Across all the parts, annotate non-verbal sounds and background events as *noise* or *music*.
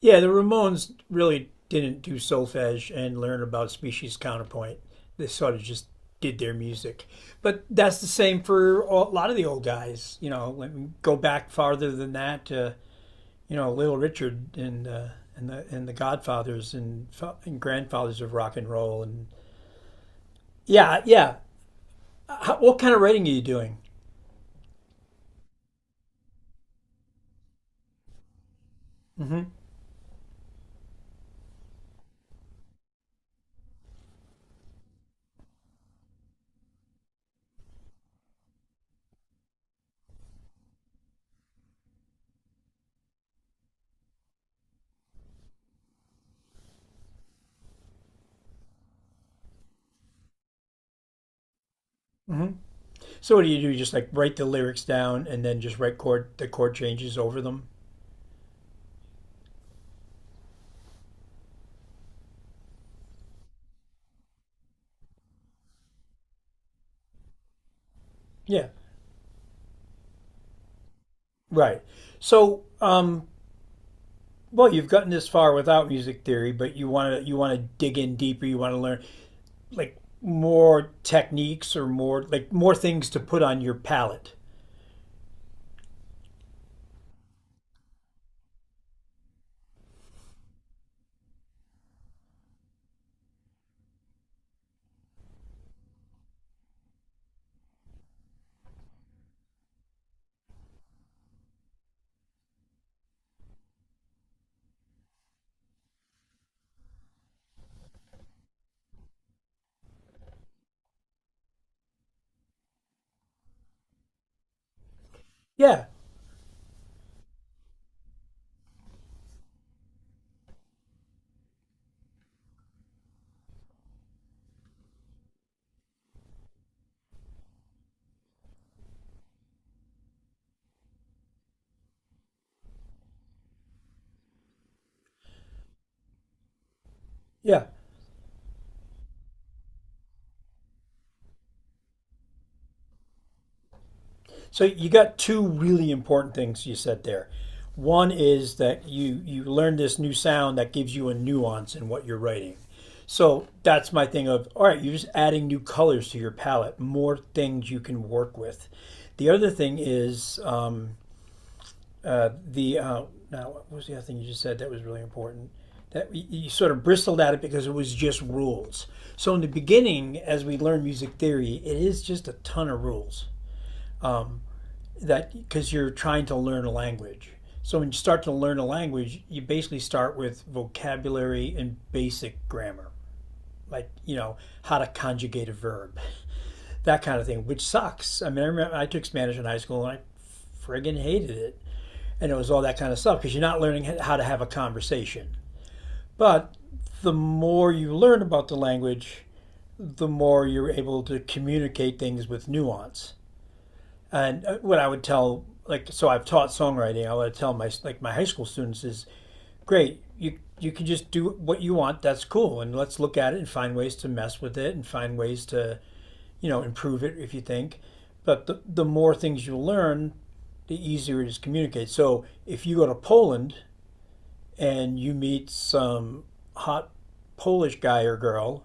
Yeah, the Ramones really didn't do solfege and learn about species counterpoint. They sort of just did their music. But that's the same for a lot of the old guys. You know, let me go back farther than that to, Little Richard and, and the Godfathers and grandfathers of rock and roll. And yeah, yeah. What kind of writing are you doing? Mm-hmm. Mm-hmm. So what do? You just like write the lyrics down and then just write chord changes over them. Yeah. Right. So, well, you've gotten this far without music theory, but you want to dig in deeper. You want to learn more techniques or more things to put on your palette. Yeah, yeah. So you got two really important things you said there. One is that you learn this new sound that gives you a nuance in what you're writing. So that's my thing of all right, you're just adding new colors to your palette, more things you can work with. The other thing is the now what was the other thing you just said that was really important? That you sort of bristled at it because it was just rules. So in the beginning, as we learn music theory, it is just a ton of rules that because you're trying to learn a language. So when you start to learn a language, you basically start with vocabulary and basic grammar, like you know how to conjugate a verb, that kind of thing, which sucks. I mean, I remember I took Spanish in high school and I friggin' hated it. And it was all that kind of stuff because you're not learning how to have a conversation. But the more you learn about the language, the more you're able to communicate things with nuance. And what I would tell, like, so I've taught songwriting. I would tell my high school students is great. You can just do what you want. That's cool. And let's look at it and find ways to mess with it and find ways to you know improve it if you think. But the more things you learn, the easier it is to communicate. So if you go to Poland and you meet some hot Polish guy or girl,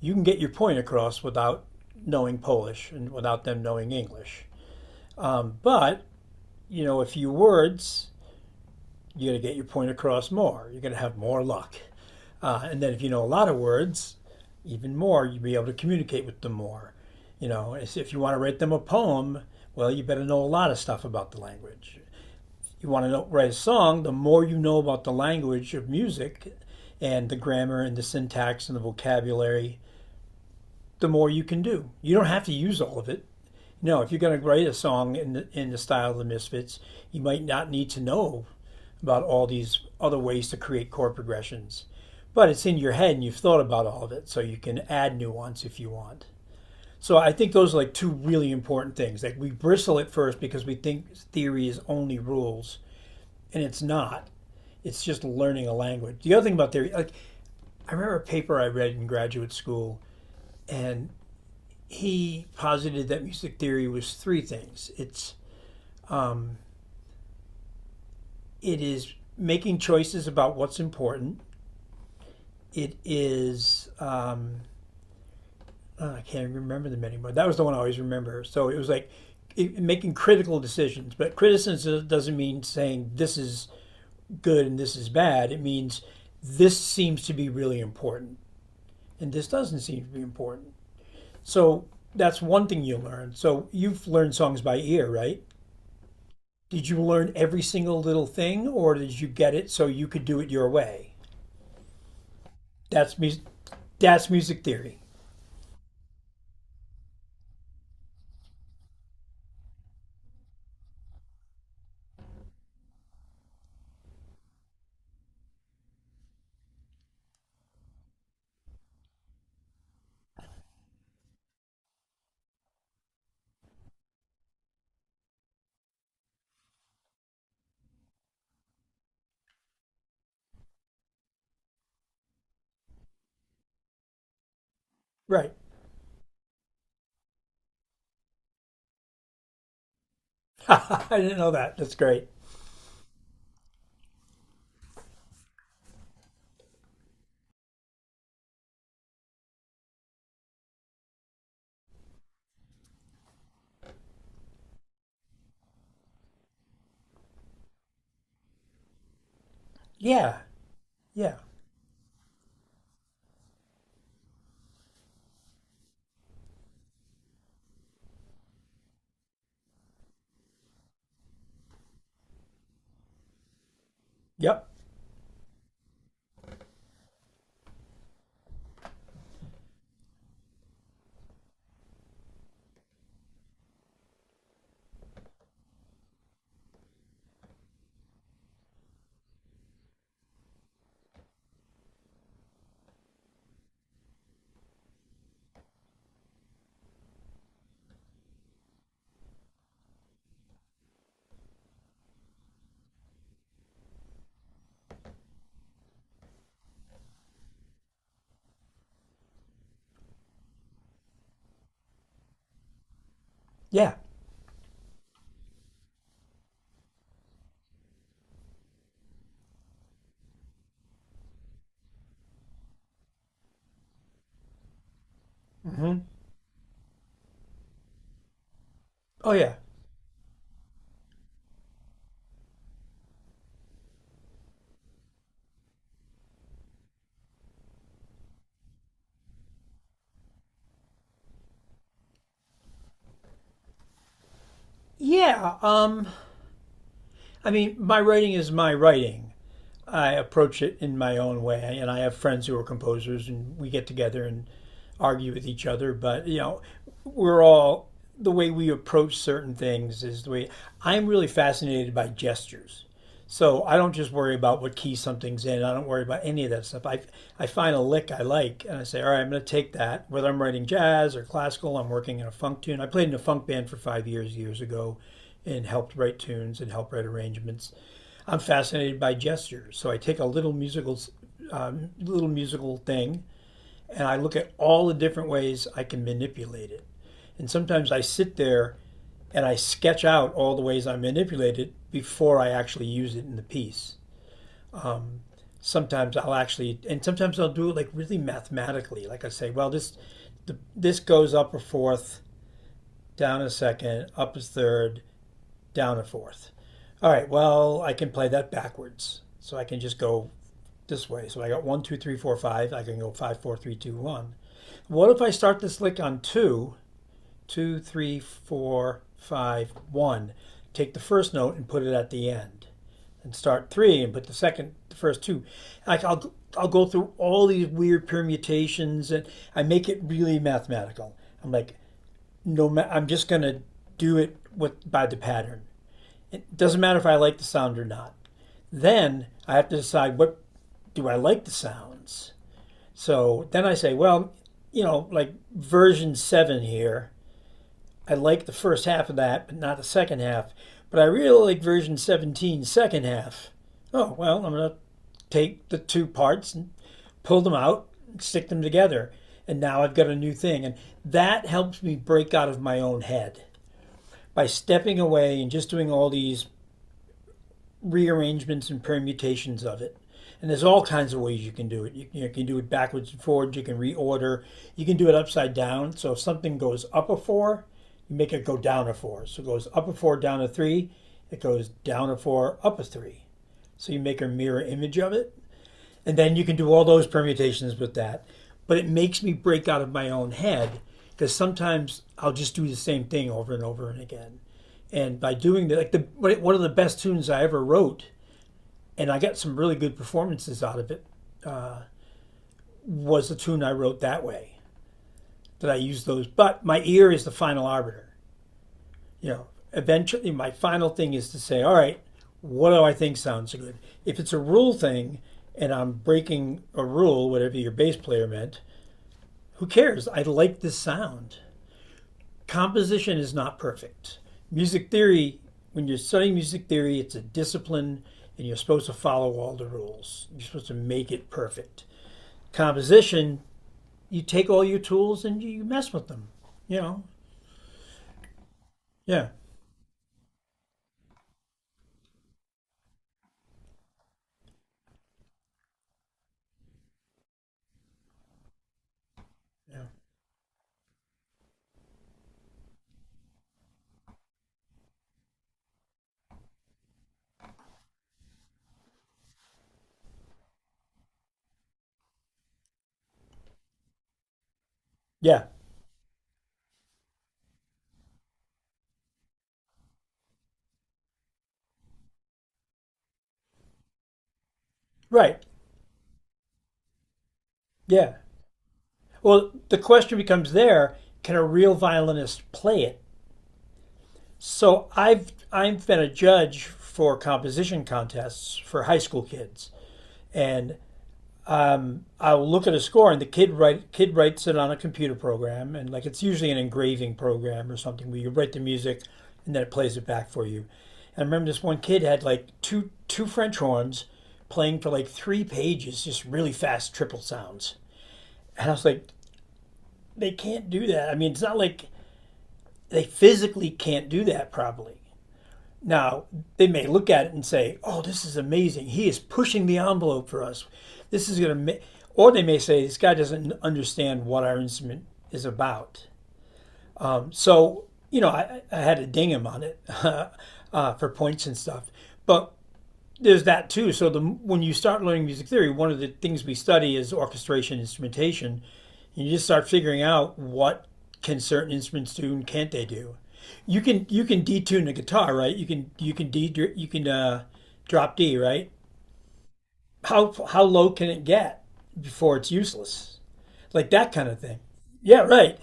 you can get your point across without knowing Polish and without them knowing English. But, you know, a few words, you're going to get your point across more. You're going to have more luck. And then if you know a lot of words, even more, you'll be able to communicate with them more. You know, if you want to write them a poem, well, you better know a lot of stuff about the language. You want to write a song, the more you know about the language of music and the grammar and the syntax and the vocabulary, the more you can do. You don't have to use all of it. No, if you're going to write a song in in the style of the Misfits, you might not need to know about all these other ways to create chord progressions. But it's in your head and you've thought about all of it, so you can add nuance if you want. So I think those are like two really important things. Like we bristle at first because we think theory is only rules, and it's not. It's just learning a language. The other thing about theory, like I remember a paper I read in graduate school, and he posited that music theory was three things. It's um, it is making choices about what's important. It is oh, I can't remember them anymore. That was the one I always remember. So it was like making critical decisions. But criticism doesn't mean saying this is good and this is bad. It means this seems to be really important and this doesn't seem to be important. So that's one thing you learn. So you've learned songs by ear, right? Did you learn every single little thing, or did you get it so you could do it your way? That's music. That's music theory, right? *laughs* I didn't know that. That's great. Yeah, yeah, yep, yeah. Oh yeah, yeah. I mean, my writing is my writing. I approach it in my own way, and I have friends who are composers, and we get together and argue with each other. But you know, we're all the way we approach certain things is the way I'm really fascinated by gestures. So I don't just worry about what key something's in. I don't worry about any of that stuff. I find a lick I like, and I say, all right, I'm going to take that. Whether I'm writing jazz or classical, I'm working in a funk tune. I played in a funk band for 5 years years ago, and helped write tunes and helped write arrangements. I'm fascinated by gestures, so I take a little musical thing, and I look at all the different ways I can manipulate it. And sometimes I sit there and I sketch out all the ways I manipulate it before I actually use it in the piece. Um, sometimes I'll do it like really mathematically. Like I say, well, this goes up a fourth, down a second, up a third, down a fourth. All right, well, I can play that backwards. So I can just go this way. So I got one, two, three, four, five. I can go five, four, three, two, one. What if I start this lick on two, two, three, four, five, one? Take the first note and put it at the end, and start three and put the first two. Like I'll go through all these weird permutations and I make it really mathematical. I'm like, no, I'm just gonna do it with by the pattern. It doesn't matter if I like the sound or not. Then I have to decide what do I like the sounds so then I say, well, you know, like version seven here, I like the first half of that, but not the second half. But I really like version 17-second half. Oh, well, I'm going to take the two parts and pull them out and stick them together. And now I've got a new thing. And that helps me break out of my own head by stepping away and just doing all these rearrangements and permutations of it. And there's all kinds of ways you can do it. You can do it backwards and forwards. You can reorder. You can do it upside down. So if something goes up a four, you make it go down a four. So it goes up a four, down a three. It goes down a four, up a three. So you make a mirror image of it. And then you can do all those permutations with that. But it makes me break out of my own head because sometimes I'll just do the same thing over and over and again. And by doing that, like the one of the best tunes I ever wrote and I got some really good performances out of it, was the tune I wrote that way, that I used those. But my ear is the final arbiter. You know, eventually my final thing is to say, all right, what do I think sounds good? If it's a rule thing and I'm breaking a rule, whatever your bass player meant, who cares? I like this sound. Composition is not perfect. Music theory, when you're studying music theory, it's a discipline and you're supposed to follow all the rules. You're supposed to make it perfect. Composition, you take all your tools and you mess with them. You know, yeah, yeah, yeah, right, yeah. Well, the question becomes there: can a real violinist play it? So I've been a judge for composition contests for high school kids, and I'll look at a score, and the kid write kid writes it on a computer program, and like it's usually an engraving program or something where you write the music, and then it plays it back for you. And I remember this one kid had like two French horns playing for like three pages, just really fast triple sounds, and I was like, they can't do that. I mean, it's not like they physically can't do that probably, now, they may look at it and say, oh, this is amazing. He is pushing the envelope for us. This is going to or they may say, this guy doesn't understand what our instrument is about. So, you know, I had to ding him on it *laughs* for points and stuff. But there's that too. So the when you start learning music theory, one of the things we study is orchestration, instrumentation. And you just start figuring out what can certain instruments do and can't they do. You can detune the guitar, right? You can drop D, right? How low can it get before it's useless? Like that kind of thing. Yeah, right.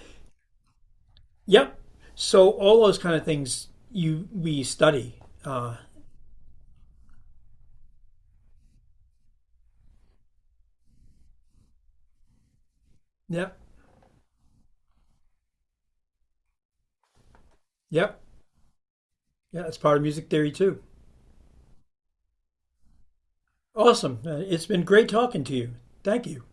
Yep. So all those kind of things you we study. Uh, yep. Yep. Yeah, it's part of music theory too. Awesome. It's been great talking to you. Thank you.